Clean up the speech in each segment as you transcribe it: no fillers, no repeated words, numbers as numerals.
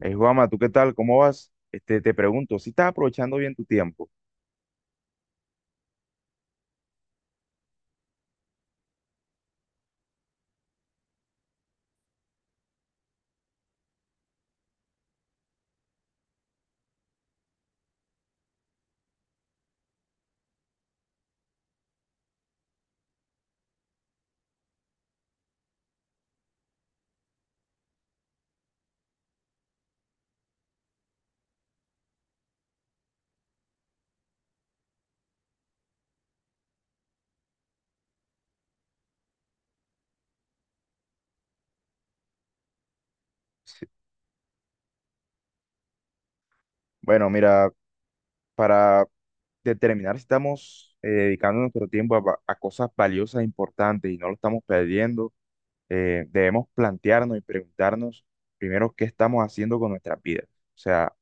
Juanma, ¿tú qué tal? ¿Cómo vas? Este, te pregunto, ¿si estás aprovechando bien tu tiempo? Sí. Bueno, mira, para determinar si estamos dedicando nuestro tiempo a, a cosas valiosas e importantes y no lo estamos perdiendo, debemos plantearnos y preguntarnos primero qué estamos haciendo con nuestras vidas. O sea,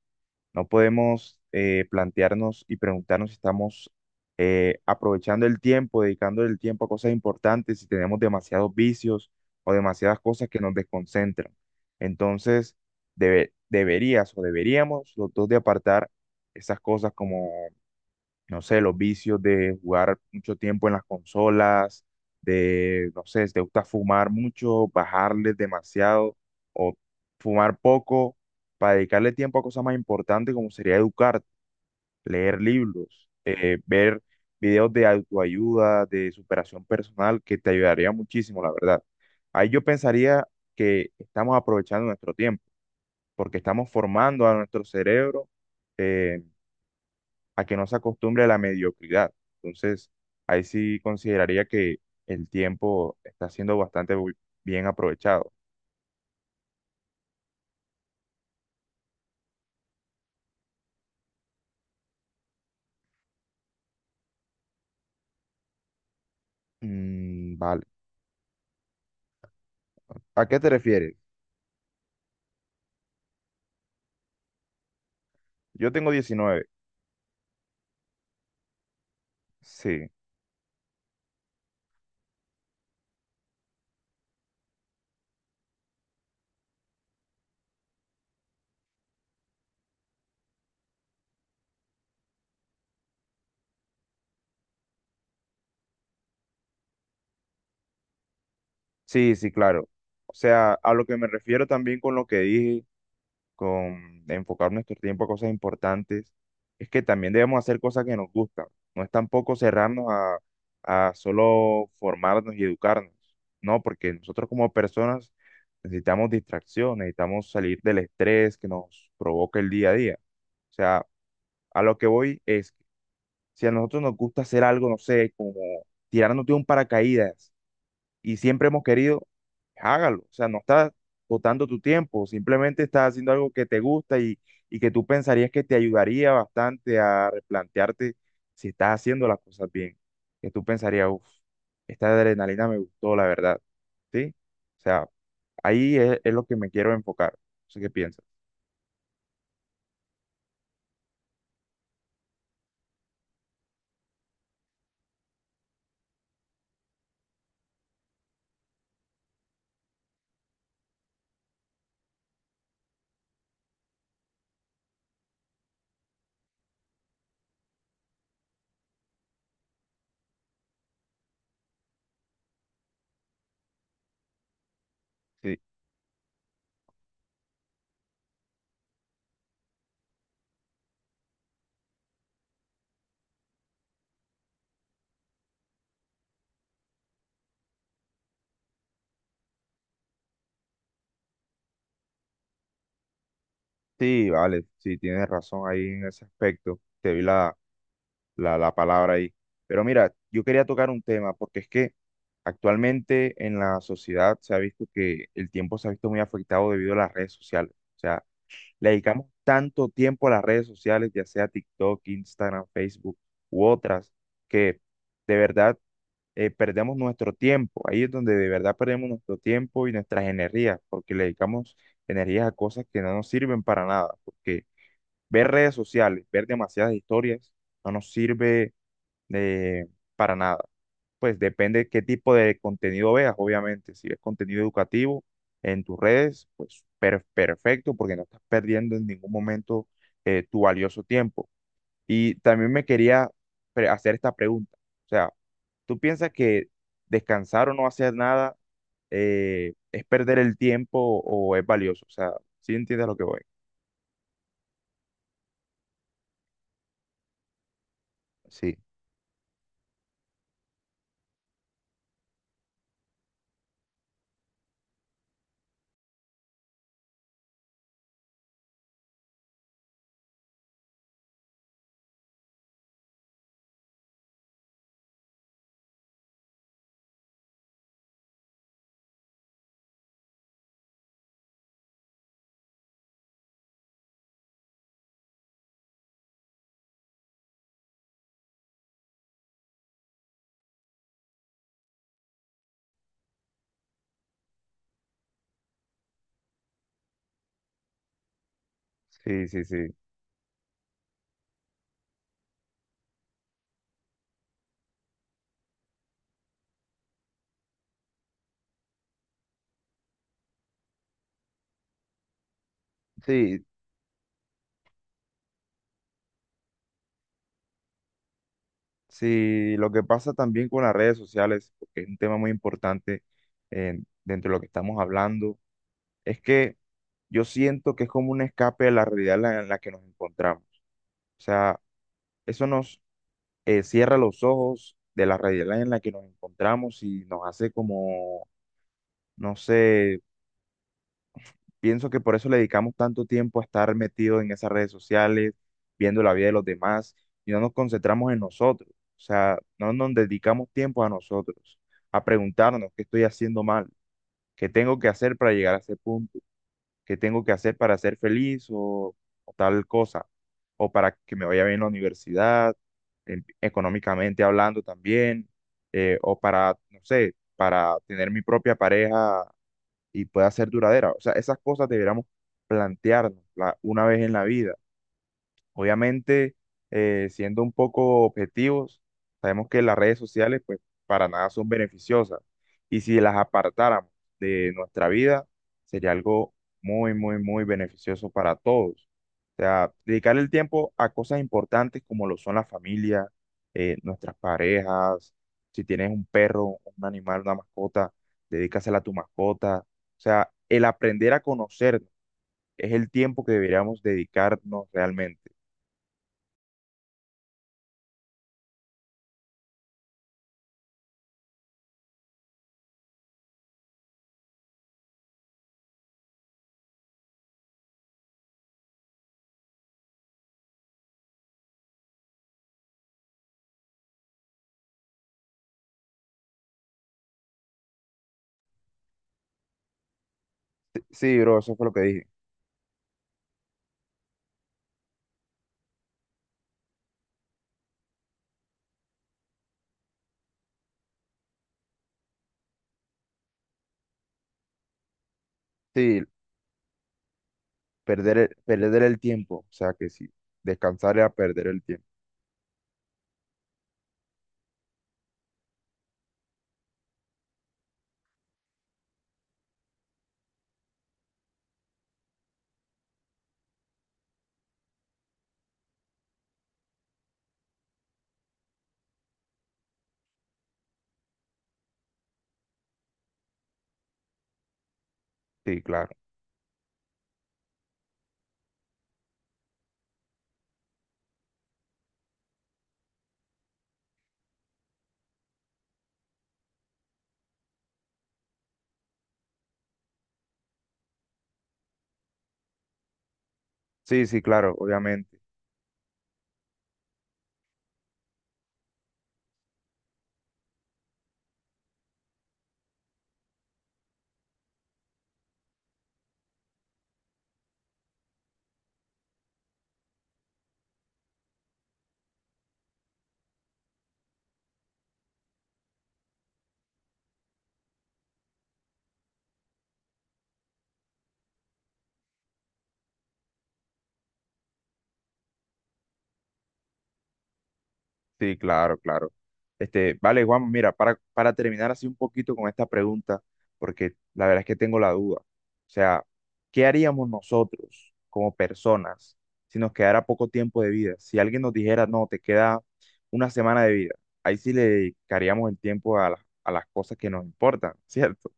no podemos plantearnos y preguntarnos si estamos aprovechando el tiempo, dedicando el tiempo a cosas importantes, si tenemos demasiados vicios o demasiadas cosas que nos desconcentran. Entonces, deberías o deberíamos los dos de apartar esas cosas como no sé, los vicios de jugar mucho tiempo en las consolas, de, no sé, si te gusta fumar mucho, bajarle demasiado o fumar poco, para dedicarle tiempo a cosas más importantes como sería educar, leer libros, ver videos de autoayuda, de superación personal, que te ayudaría muchísimo, la verdad. Ahí yo pensaría que estamos aprovechando nuestro tiempo, porque estamos formando a nuestro cerebro. eh, a que no se acostumbre a la mediocridad. Entonces, ahí sí consideraría que el tiempo está siendo bien aprovechado. Mm, vale. ¿A qué te refieres? Yo tengo 19. Sí, sí, sí, claro. O sea, a lo que me refiero también con lo que dije con enfocar nuestro tiempo a cosas importantes, es que también debemos hacer cosas que nos gustan. No es tampoco cerrarnos a solo formarnos y educarnos, ¿no? Porque nosotros como personas necesitamos distracción, necesitamos salir del estrés que nos provoca el día a día. O sea, a lo que voy es, si a nosotros nos gusta hacer algo, no sé, como tirarnos de un paracaídas, y siempre hemos querido, hágalo. O sea, no estás botando tu tiempo, simplemente estás haciendo algo que te gusta, y que tú pensarías que te ayudaría bastante a replantearte si estás haciendo las cosas bien. Que tú pensarías, uff, esta adrenalina me gustó, la verdad. ¿Sí? O sea, ahí es lo que me quiero enfocar. No sé qué piensas. Sí, sí, vale, sí, tienes razón ahí en ese aspecto. Te vi la, la palabra ahí. Pero mira, yo quería tocar un tema porque es que actualmente en la sociedad se ha visto que el tiempo se ha visto muy afectado debido a las redes sociales. O sea, le dedicamos tanto tiempo a las redes sociales, ya sea TikTok, Instagram, Facebook u otras, que de verdad perdemos nuestro tiempo. Ahí es donde de verdad perdemos nuestro tiempo y nuestras energías, porque le dedicamos energías a cosas que no nos sirven para nada. Porque ver redes sociales, ver demasiadas historias, no nos sirve eh, para nada. Pues depende qué tipo de contenido veas, obviamente. Si ves contenido educativo en tus redes, pues perfecto, porque no estás perdiendo en ningún momento tu valioso tiempo. Y también me quería hacer esta pregunta. O sea, ¿tú piensas que descansar o no hacer nada es perder el tiempo o es valioso? O sea, ¿sí entiendes lo que voy? Sí, sí, sí, sí. Sí, lo que pasa también con las redes sociales, porque es un tema muy importante dentro de lo que estamos hablando, es que yo siento que es como un escape de la realidad en la que nos encontramos. O sea, eso nos cierra los ojos de la realidad en la que nos encontramos y nos hace como, no sé, pienso que por eso le dedicamos tanto tiempo a estar metidos en esas redes sociales, viendo la vida de los demás, y no nos concentramos en nosotros. O sea, no nos dedicamos tiempo a nosotros, a preguntarnos qué estoy haciendo mal, qué tengo que hacer para llegar a ese punto, qué tengo que hacer para ser feliz o tal cosa, o para que me vaya bien en la universidad, económicamente hablando también, o para, no sé, para tener mi propia pareja y pueda ser duradera. O sea, esas cosas deberíamos plantearnos una vez en la vida. Obviamente, siendo un poco objetivos, sabemos que las redes sociales, pues, para nada son beneficiosas. Y si las apartáramos de nuestra vida, sería algo muy, muy, muy beneficioso para todos. O sea, dedicar el tiempo a cosas importantes como lo son la familia, nuestras parejas, si tienes un perro, un animal, una mascota, dedícasela a tu mascota. O sea, el aprender a conocernos es el tiempo que deberíamos dedicarnos realmente. Sí, bro, eso fue lo que dije. Sí, perder el tiempo. O sea que sí, descansar era perder el tiempo. Sí, claro. Sí, sí, claro, obviamente. Sí, claro, claro. Este, vale, Juan, mira, para terminar así un poquito con esta pregunta, porque la verdad es que tengo la duda. O sea, ¿qué haríamos nosotros como personas si nos quedara poco tiempo de vida? Si alguien nos dijera, no, te queda una semana de vida, ahí sí le dedicaríamos el tiempo a, a las cosas que nos importan, ¿cierto?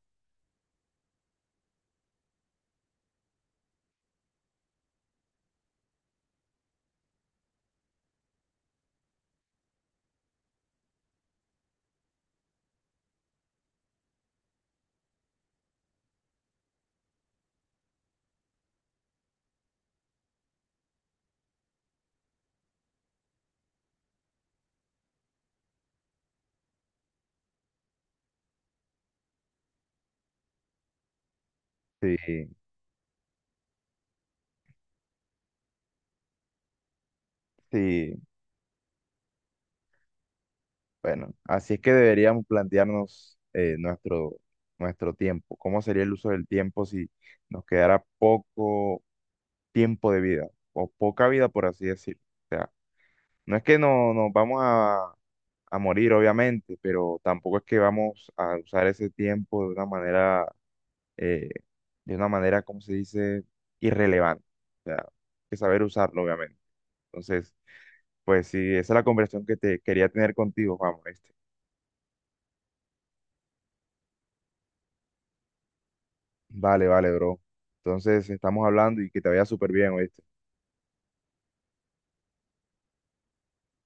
Sí. Sí, bueno, así es que deberíamos plantearnos nuestro, nuestro tiempo. ¿Cómo sería el uso del tiempo si nos quedara poco tiempo de vida o poca vida, por así decirlo? O sea, no es que no, nos vamos a morir, obviamente, pero tampoco es que vamos a usar ese tiempo eh, de una manera, ¿cómo se dice? Irrelevante. O sea, hay que saber usarlo, obviamente. Entonces, pues sí, esa es la conversación que te quería tener contigo, vamos. Vale, vale, bro. Entonces estamos hablando y que te vaya súper bien, ¿oíste?